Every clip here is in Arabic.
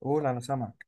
قول، انا سامعك.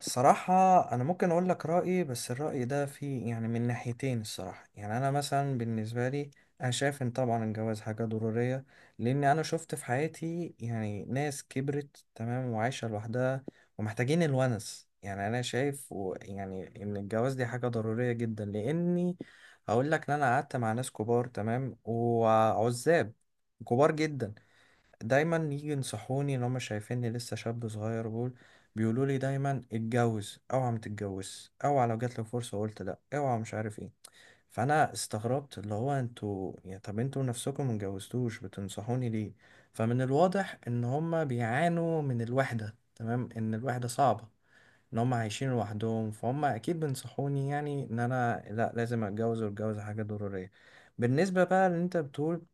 الصراحة، انا ممكن اقول لك رأيي، بس الرأي ده فيه يعني من ناحيتين. الصراحة يعني انا مثلا بالنسبة لي، انا شايف ان طبعا الجواز حاجة ضرورية، لان انا شفت في حياتي يعني ناس كبرت تمام وعايشة لوحدها ومحتاجين الونس. يعني انا شايف يعني ان الجواز دي حاجة ضرورية جدا، لاني هقول لك ان انا قعدت مع ناس كبار تمام وعزاب، كبار جدا، دايما يجي ينصحوني ان هم شايفيني لسه شاب صغير. بيقولوا لي دايما اتجوز، اوعى ما تتجوز، اوعى لو جات لك فرصه وقلت لا، اوعى مش عارف ايه. فانا استغربت، اللي هو انتوا يعني طب انتوا نفسكم ما اتجوزتوش بتنصحوني ليه؟ فمن الواضح ان هم بيعانوا من الوحده، تمام، ان الوحده صعبه، ان هم عايشين لوحدهم، فهم اكيد بينصحوني يعني ان انا لا لازم اتجوز واتجوز حاجه ضروريه. بالنسبه بقى اللي انت بتقول،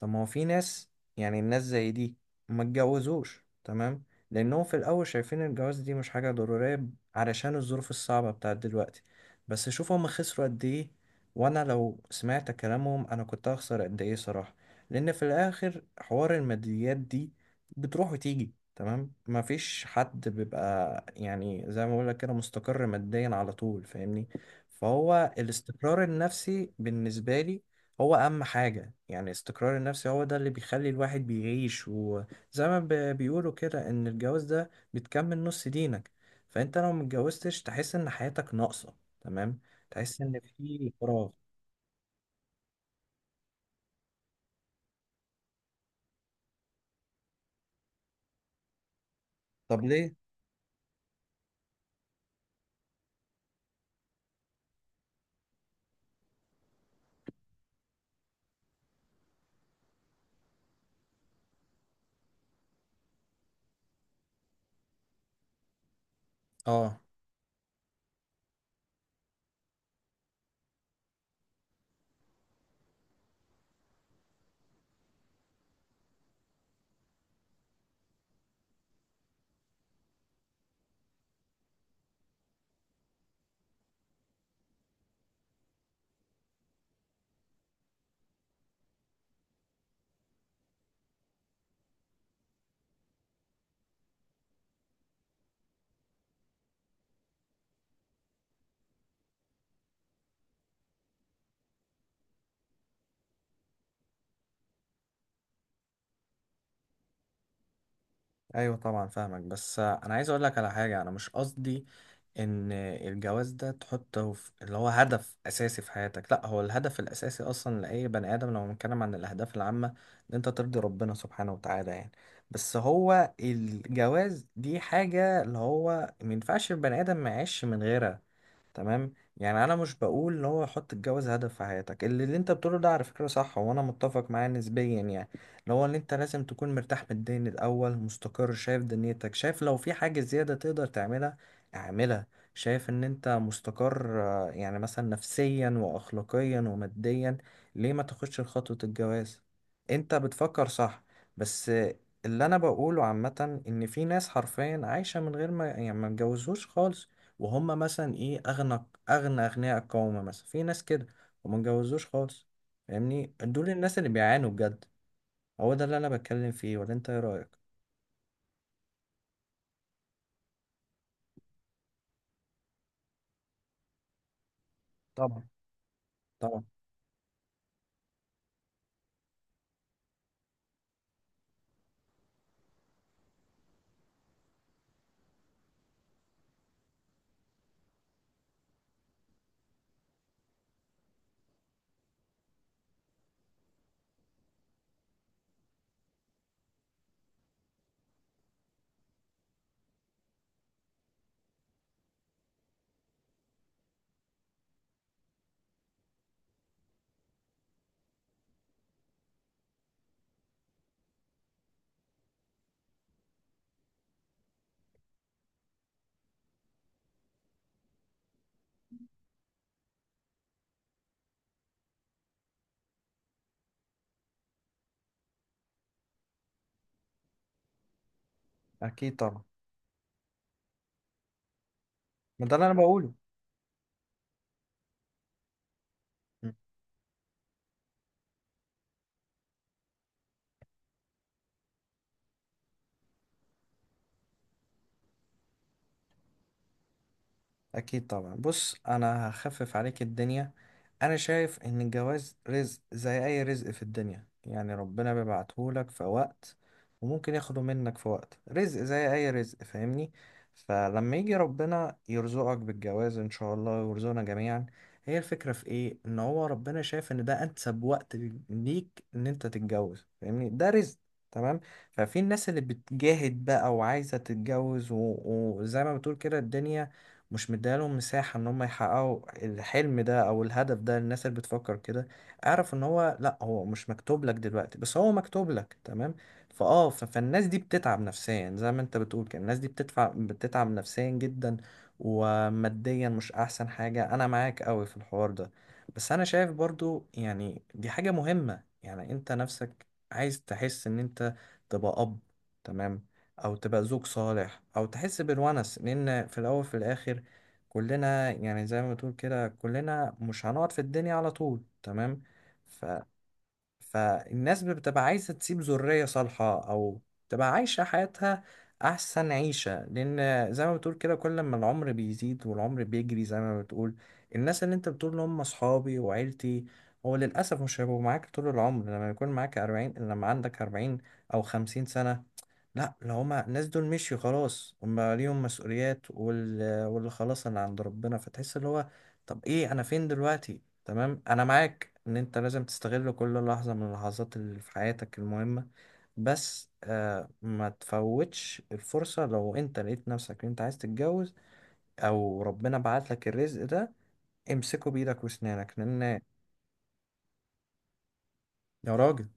طب ما هو في ناس، يعني الناس زي دي ما اتجوزوش تمام، لأنهم في الأول شايفين الجواز دي مش حاجة ضرورية علشان الظروف الصعبة بتاعت دلوقتي. بس شوف هما خسروا قد إيه، وأنا لو سمعت كلامهم أنا كنت هخسر قد إيه صراحة. لأن في الآخر حوار الماديات دي بتروح وتيجي، تمام، مفيش حد بيبقى يعني زي ما بقولك كده مستقر ماديا على طول، فاهمني؟ فهو الاستقرار النفسي بالنسبة لي هو أهم حاجة. يعني استقرار النفسي هو ده اللي بيخلي الواحد بيعيش. وزي ما بيقولوا كده إن الجواز ده بتكمل نص دينك، فأنت لو متجوزتش تحس إن حياتك ناقصة، تمام، تحس إن في فراغ. طب ليه؟ اه. ايوه طبعا فاهمك، بس انا عايز اقول لك على حاجه. انا مش قصدي ان الجواز ده تحطه في اللي هو هدف اساسي في حياتك، لا، هو الهدف الاساسي اصلا لاي بني ادم لو بنتكلم عن الاهداف العامه ان انت ترضي ربنا سبحانه وتعالى يعني. بس هو الجواز دي حاجه اللي هو ما ينفعش البني ادم ما يعيش من غيرها، تمام. يعني انا مش بقول ان هو حط الجواز هدف في حياتك. اللي انت بتقوله ده على فكره صح، وانا متفق معاه نسبيا، يعني اللي هو ان انت لازم تكون مرتاح ماديا الاول، مستقر، شايف دنيتك، شايف لو في حاجه زياده تقدر تعملها اعملها، شايف ان انت مستقر يعني مثلا نفسيا واخلاقيا وماديا. ليه ما تاخدش خطوه الجواز؟ انت بتفكر صح، بس اللي انا بقوله عامه ان في ناس حرفيا عايشه من غير ما يعني ما اتجوزوش خالص. وهم مثلا ايه، اغنى اغنى اغنياء القوم مثلا، في ناس كده وما اتجوزوش خالص. فاهمني؟ دول الناس اللي بيعانوا بجد. هو ده اللي انا بتكلم فيه، ولا انت ايه رايك؟ طبعا. طبعا. اكيد طبعا. ما ده اللي انا بقوله. اكيد طبعا، بص انا هخفف عليك الدنيا. انا شايف ان الجواز رزق زي اي رزق في الدنيا، يعني ربنا بيبعتهولك في وقت، وممكن ياخده منك في وقت. رزق زي اي رزق، فاهمني؟ فلما يجي ربنا يرزقك بالجواز ان شاء الله ويرزقنا جميعا، هي الفكرة في ايه، ان هو ربنا شايف ان ده انسب وقت ليك ان انت تتجوز، فاهمني؟ ده رزق، تمام. ففي الناس اللي بتجاهد بقى وعايزة تتجوز وزي ما بتقول كده الدنيا مش مديالهم مساحة ان هم يحققوا الحلم ده او الهدف ده. للناس اللي بتفكر كده، اعرف ان هو لا، هو مش مكتوب لك دلوقتي، بس هو مكتوب لك، تمام. فالناس دي بتتعب نفسيا. زي ما انت بتقول كده الناس دي بتتعب بتتعب نفسيا جدا وماديا مش احسن حاجة. انا معاك قوي في الحوار ده، بس انا شايف برضو يعني دي حاجة مهمة. يعني انت نفسك عايز تحس ان انت تبقى اب، تمام، او تبقى زوج صالح، او تحس بالونس. لان في الاول في الاخر كلنا يعني زي ما بتقول كده كلنا مش هنقعد في الدنيا على طول، تمام. ف... فالناس بتبقى عايزة تسيب ذرية صالحة أو تبقى عايشة حياتها أحسن عيشة، لأن زي ما بتقول كده كل ما العمر بيزيد والعمر بيجري. زي ما بتقول، الناس اللي أنت بتقول هم أصحابي وعيلتي، هو للأسف مش هيبقوا معاك طول العمر، لما يكون معاك 40، لما عندك 40 أو 50 سنة. لا، لو هما الناس دول مشيوا خلاص، هما ليهم مسؤوليات واللي خلاص اللي عند ربنا. فتحس اللي هو طب ايه، انا فين دلوقتي؟ تمام. انا معاك ان انت لازم تستغل كل لحظة من اللحظات اللي في حياتك المهمة، بس آه، ما تفوتش الفرصة لو انت لقيت نفسك إن انت عايز تتجوز او ربنا بعت لك الرزق ده، امسكه بايدك واسنانك. لان يا راجل،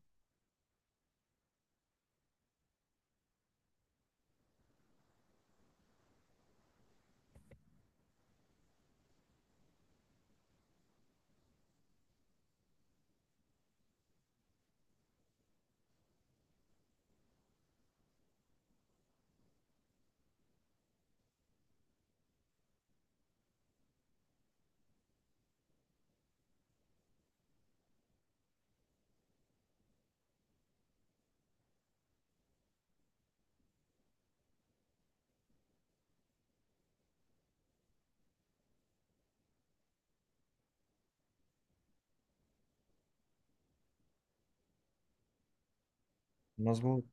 مظبوط.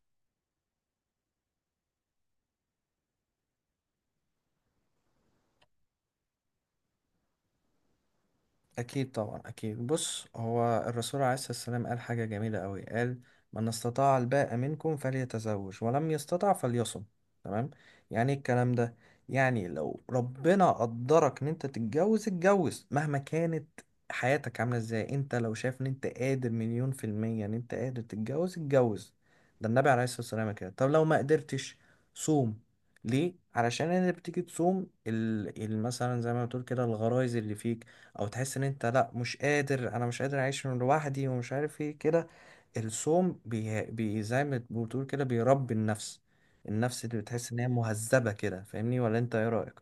أكيد طبعا. أكيد، بص هو الرسول عليه الصلاة والسلام قال حاجة جميلة أوي، قال من استطاع الباء منكم فليتزوج، ولم يستطع فليصم، تمام. يعني إيه الكلام ده؟ يعني لو ربنا قدرك إن أنت تتجوز، اتجوز مهما كانت حياتك عاملة إزاي. أنت لو شايف إن أنت قادر 100% إن أنت قادر تتجوز، اتجوز. ده النبي عليه الصلاة والسلام كده. طب لو ما قدرتش، صوم. ليه؟ علشان انت بتيجي تصوم مثلا زي ما بتقول كده الغرايز اللي فيك، او تحس ان انت لا مش قادر، انا مش قادر اعيش من لوحدي ومش عارف ايه كده. الصوم بي... بي زي ما بتقول كده بيربي النفس، النفس اللي بتحس ان هي مهذبة كده. فاهمني، ولا انت ايه رأيك؟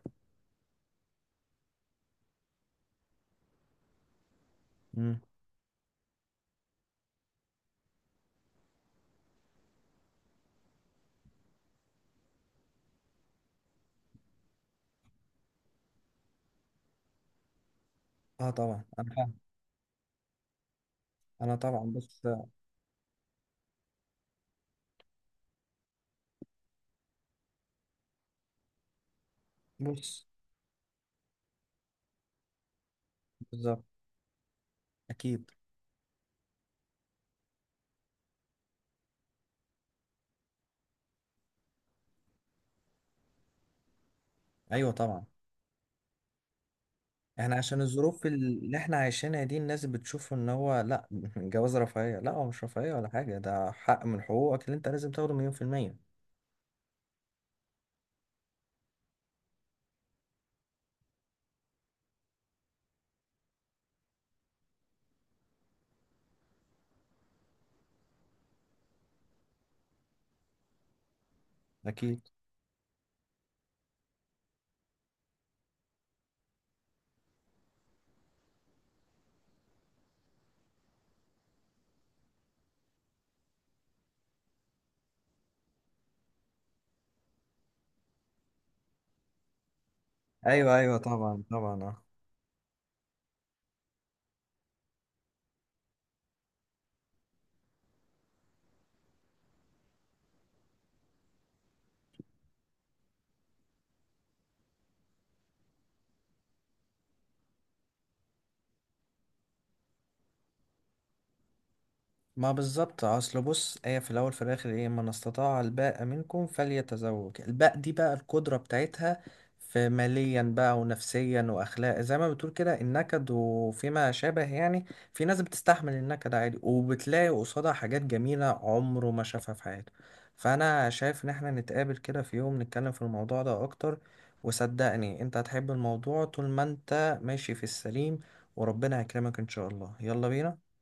مم. اه طبعا انا فاهم. انا طبعا بص. بص بالظبط. اكيد. ايوه طبعا. احنا عشان الظروف اللي احنا عايشينها دي الناس بتشوف ان هو لا، جواز رفاهية، لا هو مش رفاهية ولا حاجة، ده حق من حقوقك اللي انت لازم تاخده 100%. اكيد. ايوه ايوه، طبعا طبعا، آه. ما بالظبط، اصل بص هي في الاول في الاخر ايه، من استطاع الباء منكم فليتزوج، الباء دي بقى القدره بتاعتها في ماليا بقى ونفسيا واخلاق. زي ما بتقول كده النكد وفيما شابه يعني، في ناس بتستحمل النكد عادي وبتلاقي قصادها حاجات جميله عمره ما شافها في حياته. فانا شايف ان احنا نتقابل كده في يوم، نتكلم في الموضوع ده اكتر. وصدقني انت هتحب الموضوع طول ما انت ماشي في السليم، وربنا يكرمك ان شاء الله. يلا بينا.